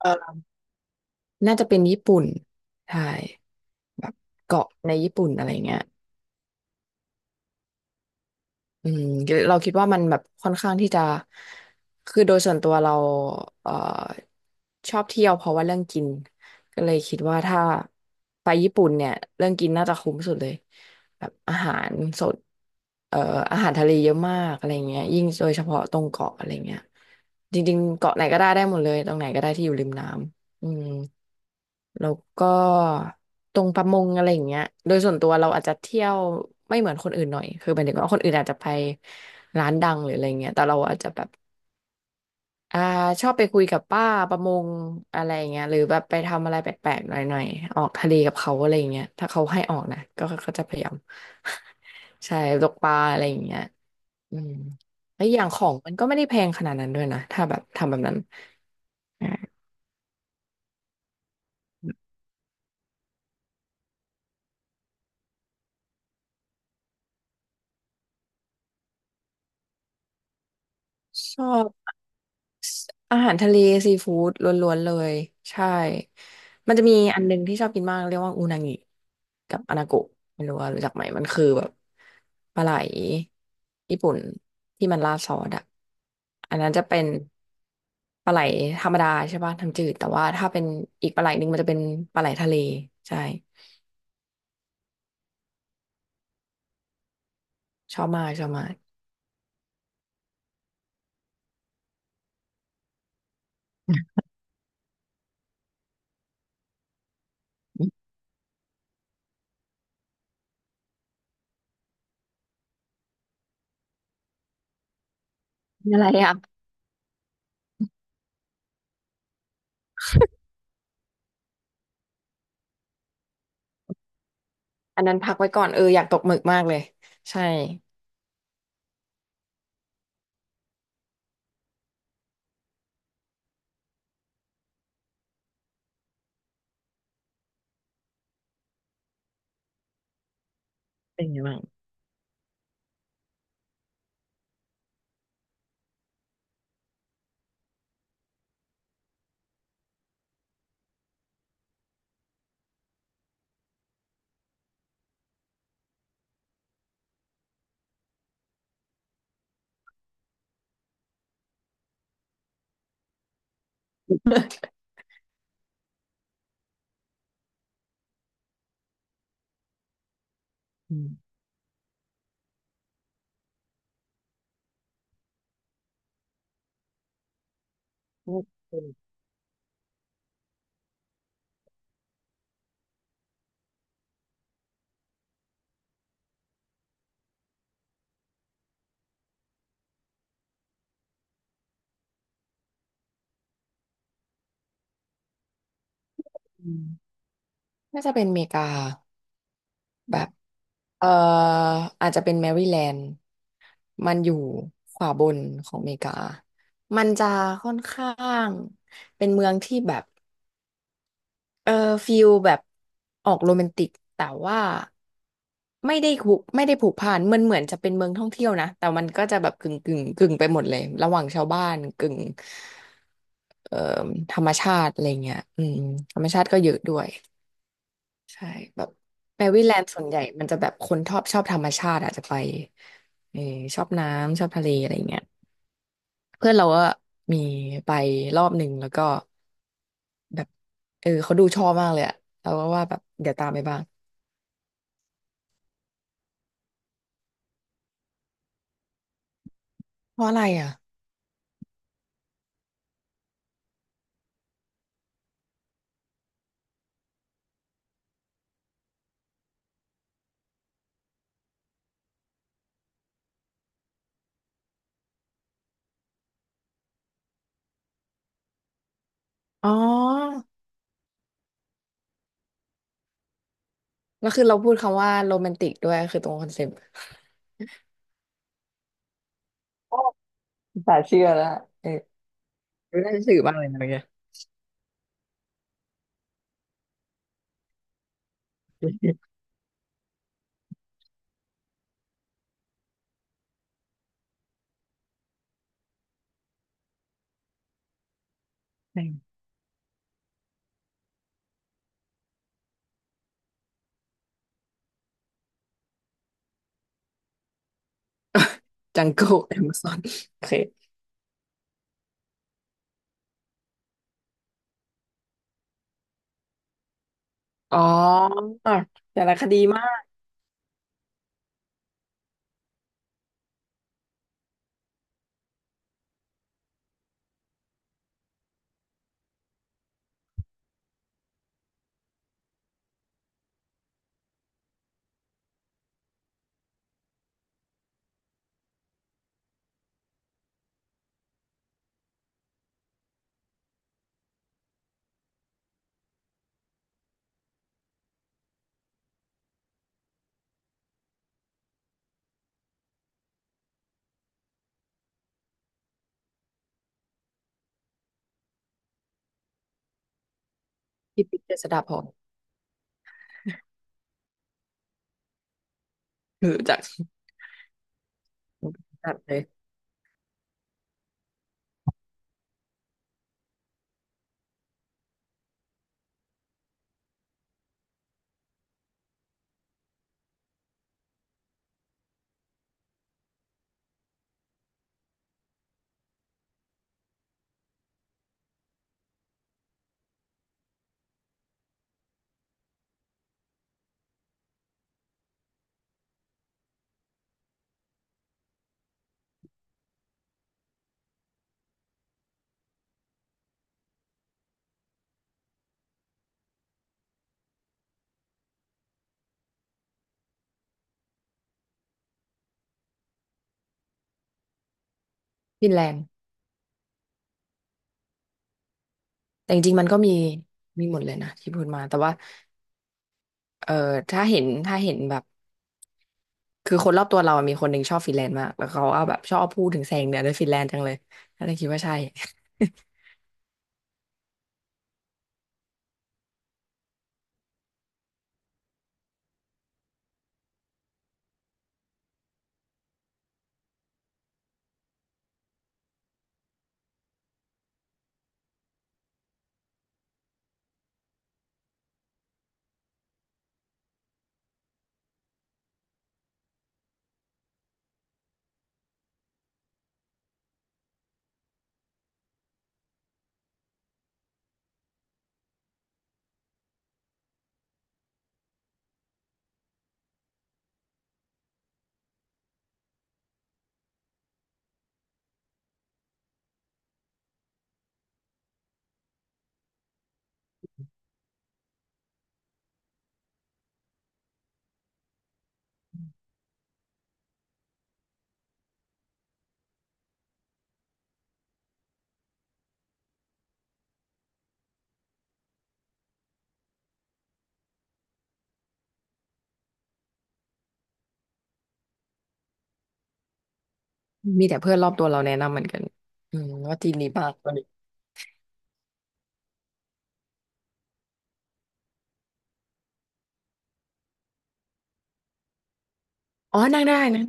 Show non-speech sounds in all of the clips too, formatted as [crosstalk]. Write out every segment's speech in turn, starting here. เออน่าจะเป็นญี่ปุ่นใช่แบบเกาะในญี่ปุ่นอะไรเงี้ยอืมเราคิดว่ามันแบบค่อนข้างที่จะคือโดยส่วนตัวเราเอ่อชอบเที่ยวเพราะว่าเรื่องกินก็เลยคิดว่าถ้าไปญี่ปุ่นเนี่ยเรื่องกินน่าจะคุ้มสุดเลยแบบอาหารสดเอ่ออาหารทะเลเยอะมากอะไรเงี้ยยิ่งโดยเฉพาะตรงเกาะอะไรเงี้ยจริงๆเกาะไหนก็ได้ได้หมดเลยตรงไหนก็ได้ที่อยู่ริมน้ำ อืมแล้วก็ตรงประมงอะไรอย่างเงี้ยโดยส่วนตัวเราอาจจะเที่ยวไม่เหมือนคนอื่นหน่อยคือหมายถึงว่าคนอื่นอาจจะไปร้านดังหรืออะไรเงี้ยแต่เราอาจจะแบบอ่าชอบไปคุยกับป้าประมงอะไร่เงี้ยหรือแบบไปทำอะไรแปลกๆหน่อยๆออกทะเลกับเขาอะไรเงี้ยถ้าเขาให้ออกนะก็จะพยายาม [laughs] ใช่ตกปลาอะไรอย่างเงี้ยอืมแล้วอย่างของมันก็ไม่ได้แพงขนาดนั้นด้วยนะถ้าแบบทำแบบนั้นอ่าชอบ อาหารทะเลซีฟู้ดล้วนๆเลยใช่มันจะมีอันหนึงที่ชอบกินมากเรียกว่าอูนางิกับอนาโกะไม่รู้ว่ารู้จักไหมมันคือแบบปลาไหลญี่ปุ่นที่มันราดซอสอะอันนั้นจะเป็นปลาไหลธรรมดาใช่ป่ะทำ้ำจืดแต่ว่าถ้าเป็นอีกปลาไหลหนึ่งมันจะเป็นปลาไหลทะเลใช่ชอบมากอมอะไรอ่ะอันนั้นพักไว้ก่อนอยากตกหมึกมากเลยใช่เป็นไงบ้างอืม น่าจะเป็นอเมริกาแบบเอ่ออาจจะเป็นแมริแลนด์มันอยู่ขวาบนของอเมริกามันจะค่อนข้างเป็นเมืองที่แบบเออฟิลแบบออกโรแมนติกแต่ว่าไม่ได้ผูกพันมันเหมือนจะเป็นเมืองท่องเที่ยวนะแต่มันก็จะแบบกึ่งไปหมดเลยระหว่างชาวบ้านกึ่งเอ่อธรรมชาติอะไรเงี้ยอืมธรรมชาติก็เยอะด้วย ใช่แบบแมรี่แลนด์ส่วนใหญ่มันจะแบบคนชอบธรรมชาติอาจจะไปเออชอบน้ำชอบทะเลอะไรอย่างเงี้ยเพื่อนเราก็มีไปรอบหนึ่งแล้วก็แบบเขาดูชอบมากเลยอะเราก็ว่าแบบเดี๋ยวตามไปบ้างเพราะอะไรอ่ะอ๋อแล้วคือเราพูดคำว่าโรแมนติกด้วยคือตรงคอนเซ็ปต์โอ้สาเชื่อแล้วเออรู้ได้สื่อมากเลยนะเมื่อกี้ใช่จังโก้แอมซอนโอเคอ๋อแต่ละคดีมากที่ปิดเจษฎาพรรู้จัก จัดเลยฟินแลนด์แต่จริงๆมันก็มีมีหมดเลยนะที่พูดมาแต่ว่าเออถ้าเห็นแบบคือคนรอบตัวเราอะมีคนหนึ่งชอบฟินแลนด์มากแล้วเขาเอาแบบชอบพูดถึงแสงเหนือในฟินแลนด์จังเลยก็เลยคิดว่าใช่ [laughs] มีแต่เพื่อนรอบตัวเราแนะนำเหมือนกันอืมว่าจีนนี้ปากตอนนี้อ๋อนั่งได้นะ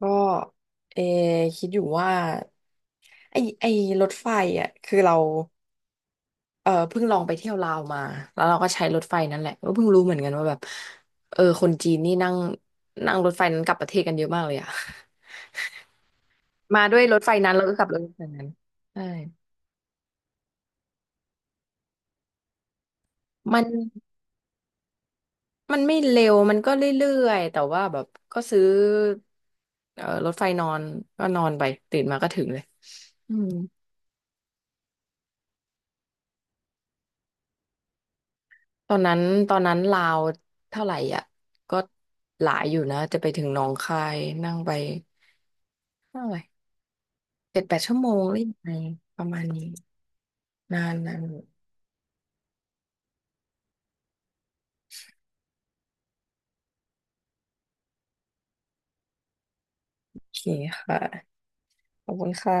ก็เออคิดอยู่ว่าไอไอรถไฟอ่ะคือเรา เพิ่งลองไปเที่ยวลาวมาแล้วเราก็ใช้รถไฟนั่นแหละก็เพิ่งรู้เหมือนกันว่าแบบคนจีนนี่นั่งนั่งรถไฟนั้นกลับประเทศกันเยอะมากเลยอะ [laughs] มาด้วยรถไฟนั้นแล้วก็กลับรถไฟนั้นใช่มันมันไม่เร็วมันก็เรื่อยๆแต่ว่าแบบก็ซื้อรถไฟนอนก็นอนไปตื่นมาก็ถึงเลยอืมตอนนั้นตอนนั้นลาวเท่าไหร่อ่ะก็หลายอยู่นะจะไปถึงหนองคายนั่งไปเท่าไหร่7-8 ชั่วโมงหรือยังไงประมาณนี้ นานโอเคค่ะ ขอบคุณค่ะ